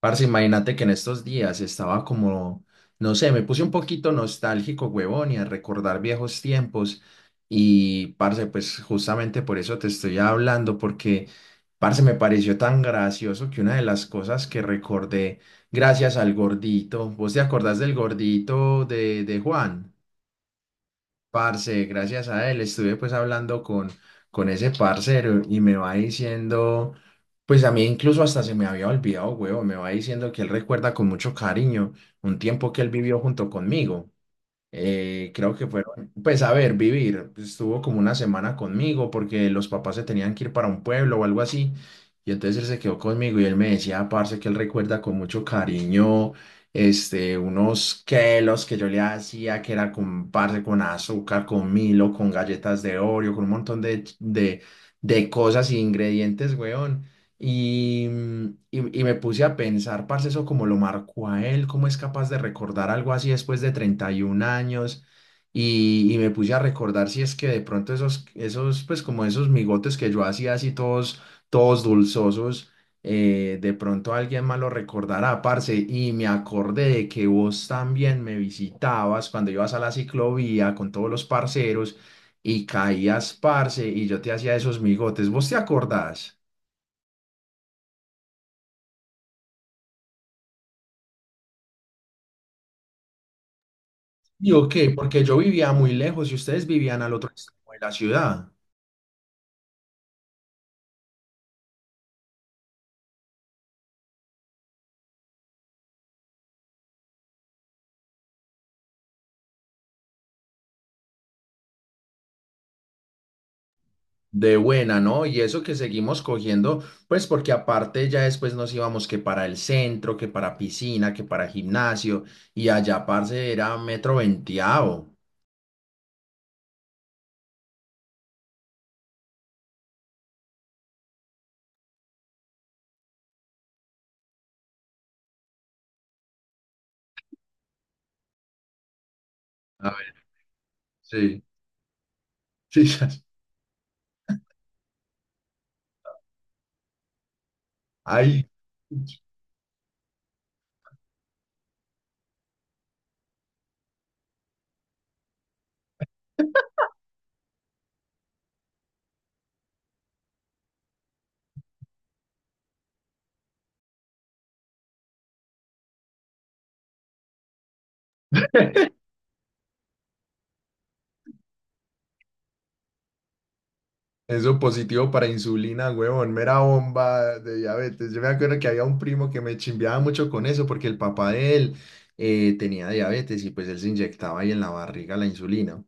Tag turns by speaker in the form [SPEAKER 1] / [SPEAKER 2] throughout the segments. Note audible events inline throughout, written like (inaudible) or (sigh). [SPEAKER 1] Parce, imagínate que en estos días estaba como, no sé, me puse un poquito nostálgico, huevón, y a recordar viejos tiempos. Y, parce, pues justamente por eso te estoy hablando, porque, parce, me pareció tan gracioso que una de las cosas que recordé, gracias al gordito, ¿vos te acordás del gordito de Juan? Parce, gracias a él estuve pues hablando con ese parcero y me va diciendo, pues a mí incluso hasta se me había olvidado, huevo, me va diciendo que él recuerda con mucho cariño un tiempo que él vivió junto conmigo. Creo que fueron, pues a ver, vivir. Estuvo como una semana conmigo porque los papás se tenían que ir para un pueblo o algo así. Y entonces él se quedó conmigo y él me decía, parce, que él recuerda con mucho cariño, este, unos quelos que yo le hacía, que era con, parce, con azúcar, con Milo, con galletas de Oreo, con un montón de cosas e ingredientes, weón. Y, y me puse a pensar, parce, eso como lo marcó a él, cómo es capaz de recordar algo así después de 31 años. Y me puse a recordar si es que de pronto pues como esos migotes que yo hacía así todos, todos dulzosos, de pronto alguien más lo recordará, parce. Y me acordé de que vos también me visitabas cuando ibas a la ciclovía con todos los parceros y caías, parce, y yo te hacía esos migotes. ¿Vos te acordás? Digo que porque yo vivía muy lejos y ustedes vivían al otro extremo de la ciudad, de buena, ¿no? Y eso que seguimos cogiendo, pues porque aparte ya después nos íbamos que para el centro, que para piscina, que para gimnasio, y allá, parce, era metro veinteavo. A ver, sí, sí, (laughs) ya- ay. Eso positivo para insulina, huevón, mera bomba de diabetes. Yo me acuerdo que había un primo que me chimbeaba mucho con eso porque el papá de él tenía diabetes y pues él se inyectaba ahí en la barriga la insulina.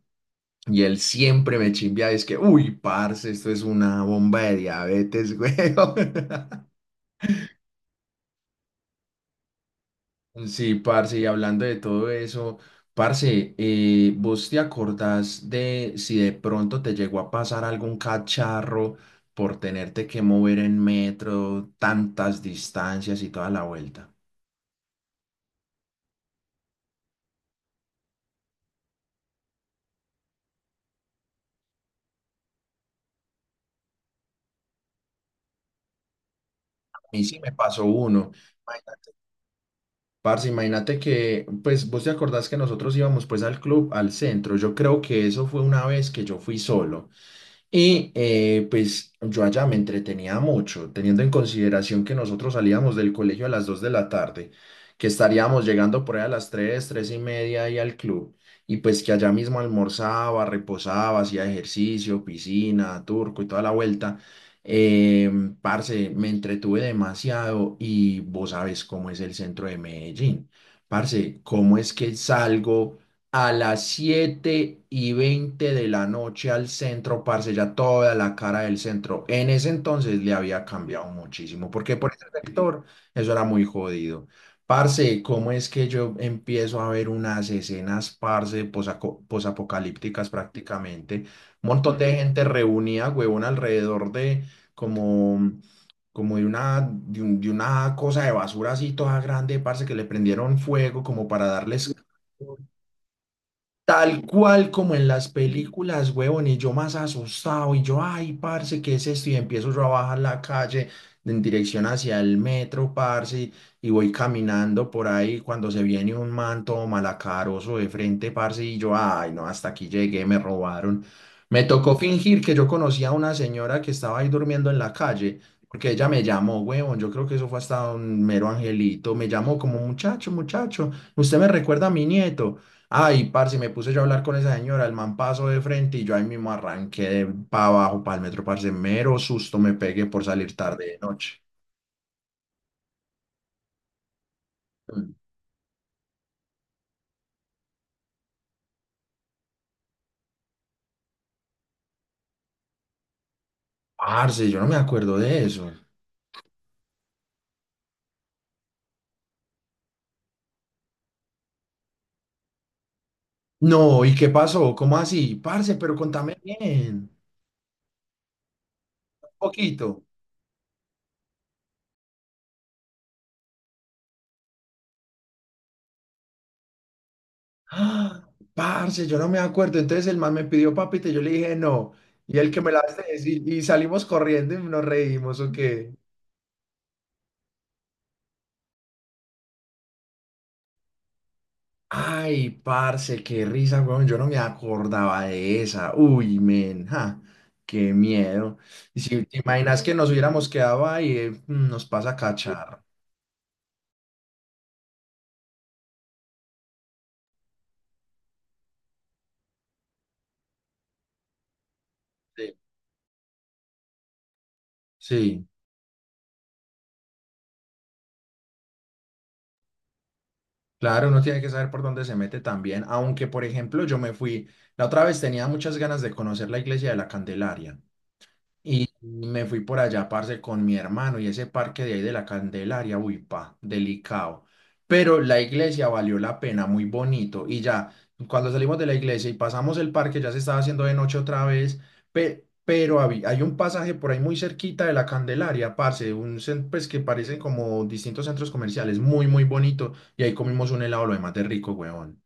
[SPEAKER 1] Y él siempre me chimbeaba y es que, uy, parce, esto es una bomba de diabetes, (laughs) huevón. Sí, parce, y hablando de todo eso, parce, ¿vos te acordás de si de pronto te llegó a pasar algún cacharro por tenerte que mover en metro, tantas distancias y toda la vuelta? A mí sí me pasó uno. Parce, imagínate que, pues vos te acordás que nosotros íbamos pues al club, al centro. Yo creo que eso fue una vez que yo fui solo. Y pues yo allá me entretenía mucho, teniendo en consideración que nosotros salíamos del colegio a las 2 de la tarde, que estaríamos llegando por ahí a las tres y media ahí al club, y pues que allá mismo almorzaba, reposaba, hacía ejercicio, piscina, turco y toda la vuelta. Eh, Parce, me entretuve demasiado y vos sabes cómo es el centro de Medellín. Parce, ¿cómo es que salgo a las 7 y veinte de la noche al centro, parce? Ya toda la cara del centro. En ese entonces le había cambiado muchísimo, porque por ese sector eso era muy jodido. Parce, ¿cómo es que yo empiezo a ver unas escenas, parce, posapocalípticas prácticamente? Un montón de gente reunida, huevón, alrededor de como, como de una cosa de basura así toda grande, parce, que le prendieron fuego como para darles... Tal cual como en las películas, huevón, y yo más asustado, y yo, ay, parce, ¿qué es esto? Y empiezo yo a bajar la calle en dirección hacia el metro, parce, y voy caminando por ahí cuando se viene un manto malacaroso de frente, parce, y yo, ay, no, hasta aquí llegué, me robaron. Me tocó fingir que yo conocía a una señora que estaba ahí durmiendo en la calle, porque ella me llamó, huevón, yo creo que eso fue hasta un mero angelito, me llamó como muchacho, muchacho, usted me recuerda a mi nieto. Ay, parce, me puse yo a hablar con esa señora, el man pasó de frente y yo ahí mismo arranqué para abajo, para el metro, parce, mero susto me pegué por salir tarde de noche. Mm. Parce, yo no me acuerdo de eso. No, ¿y qué pasó? ¿Cómo así? Parce, pero contame bien, un poquito. Ah, parce, yo no me acuerdo. Entonces el man me pidió papita y yo le dije no. Y el que me la hace y salimos corriendo y nos reímos, ¿o qué? Ay, parce, qué risa, weón. Yo no me acordaba de esa. Uy, men, ja, qué miedo. Y si te imaginas que nos hubiéramos quedado ahí, nos pasa a cachar. Sí. Sí, claro, uno tiene que saber por dónde se mete también. Aunque, por ejemplo, yo me fui, la otra vez tenía muchas ganas de conocer la iglesia de la Candelaria. Y me fui por allá, parce, con mi hermano y ese parque de ahí de la Candelaria, uy, pa, delicado. Pero la iglesia valió la pena, muy bonito. Y ya, cuando salimos de la iglesia y pasamos el parque, ya se estaba haciendo de noche otra vez, hay un pasaje por ahí muy cerquita de la Candelaria, parce, un, pues que parecen como distintos centros comerciales, muy, muy bonito. Y ahí comimos un helado, lo demás de rico, weón.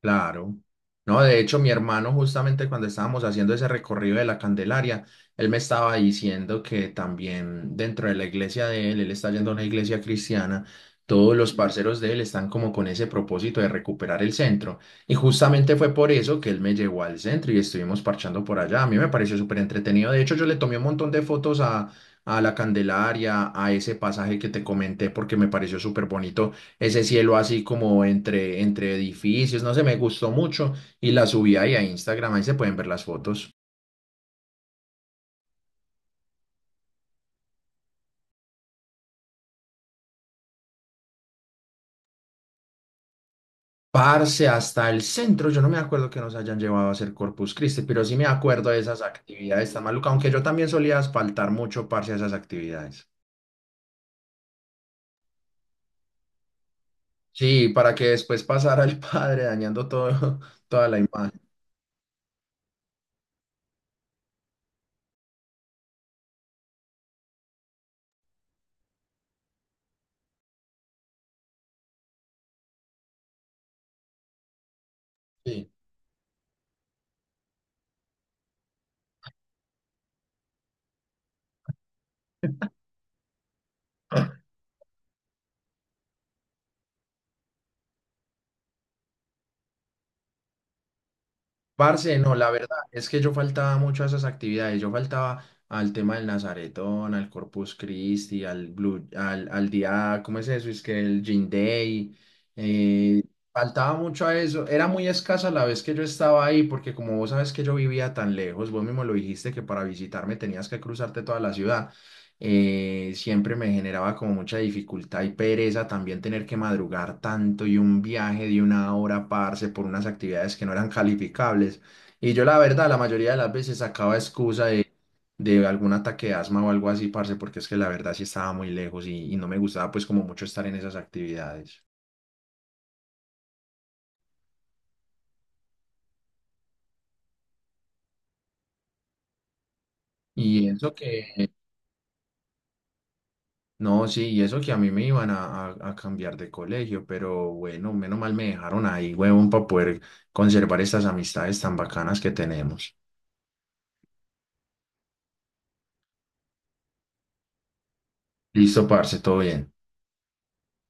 [SPEAKER 1] Claro. No, de hecho, mi hermano, justamente cuando estábamos haciendo ese recorrido de la Candelaria, él me estaba diciendo que también dentro de la iglesia de él, él está yendo a una iglesia cristiana, todos los parceros de él están como con ese propósito de recuperar el centro. Y justamente fue por eso que él me llevó al centro y estuvimos parchando por allá. A mí me pareció súper entretenido. De hecho, yo le tomé un montón de fotos a la Candelaria, a ese pasaje que te comenté, porque me pareció súper bonito ese cielo así como entre, entre edificios, no sé, me gustó mucho y la subí ahí a Instagram, ahí se pueden ver las fotos. Parce, hasta el centro, yo no me acuerdo que nos hayan llevado a hacer Corpus Christi, pero sí me acuerdo de esas actividades tan malucas, aunque yo también solía asfaltar mucho, parce, a esas actividades. Sí, para que después pasara el (laughs) padre dañando todo, (laughs) toda la imagen. Sí. Parce, no, la verdad es que yo faltaba mucho a esas actividades. Yo faltaba al tema del Nazaretón, al Corpus Christi, al Blue, al, al día, ¿cómo es eso? Es que el Jean Day. eh, Faltaba mucho a eso. Era muy escasa la vez que yo estaba ahí, porque como vos sabes que yo vivía tan lejos, vos mismo lo dijiste que para visitarme tenías que cruzarte toda la ciudad siempre me generaba como mucha dificultad y pereza también tener que madrugar tanto y un viaje de 1 hora, parce, por unas actividades que no eran calificables. Y yo la verdad, la mayoría de las veces sacaba excusa de algún ataque de asma o algo así, parce, porque es que la verdad sí estaba muy lejos y no me gustaba pues como mucho estar en esas actividades. Y eso que, no, sí, y eso que a mí me iban a cambiar de colegio, pero bueno, menos mal me dejaron ahí, huevón, para poder conservar estas amistades tan bacanas que tenemos. Listo, parce, todo bien.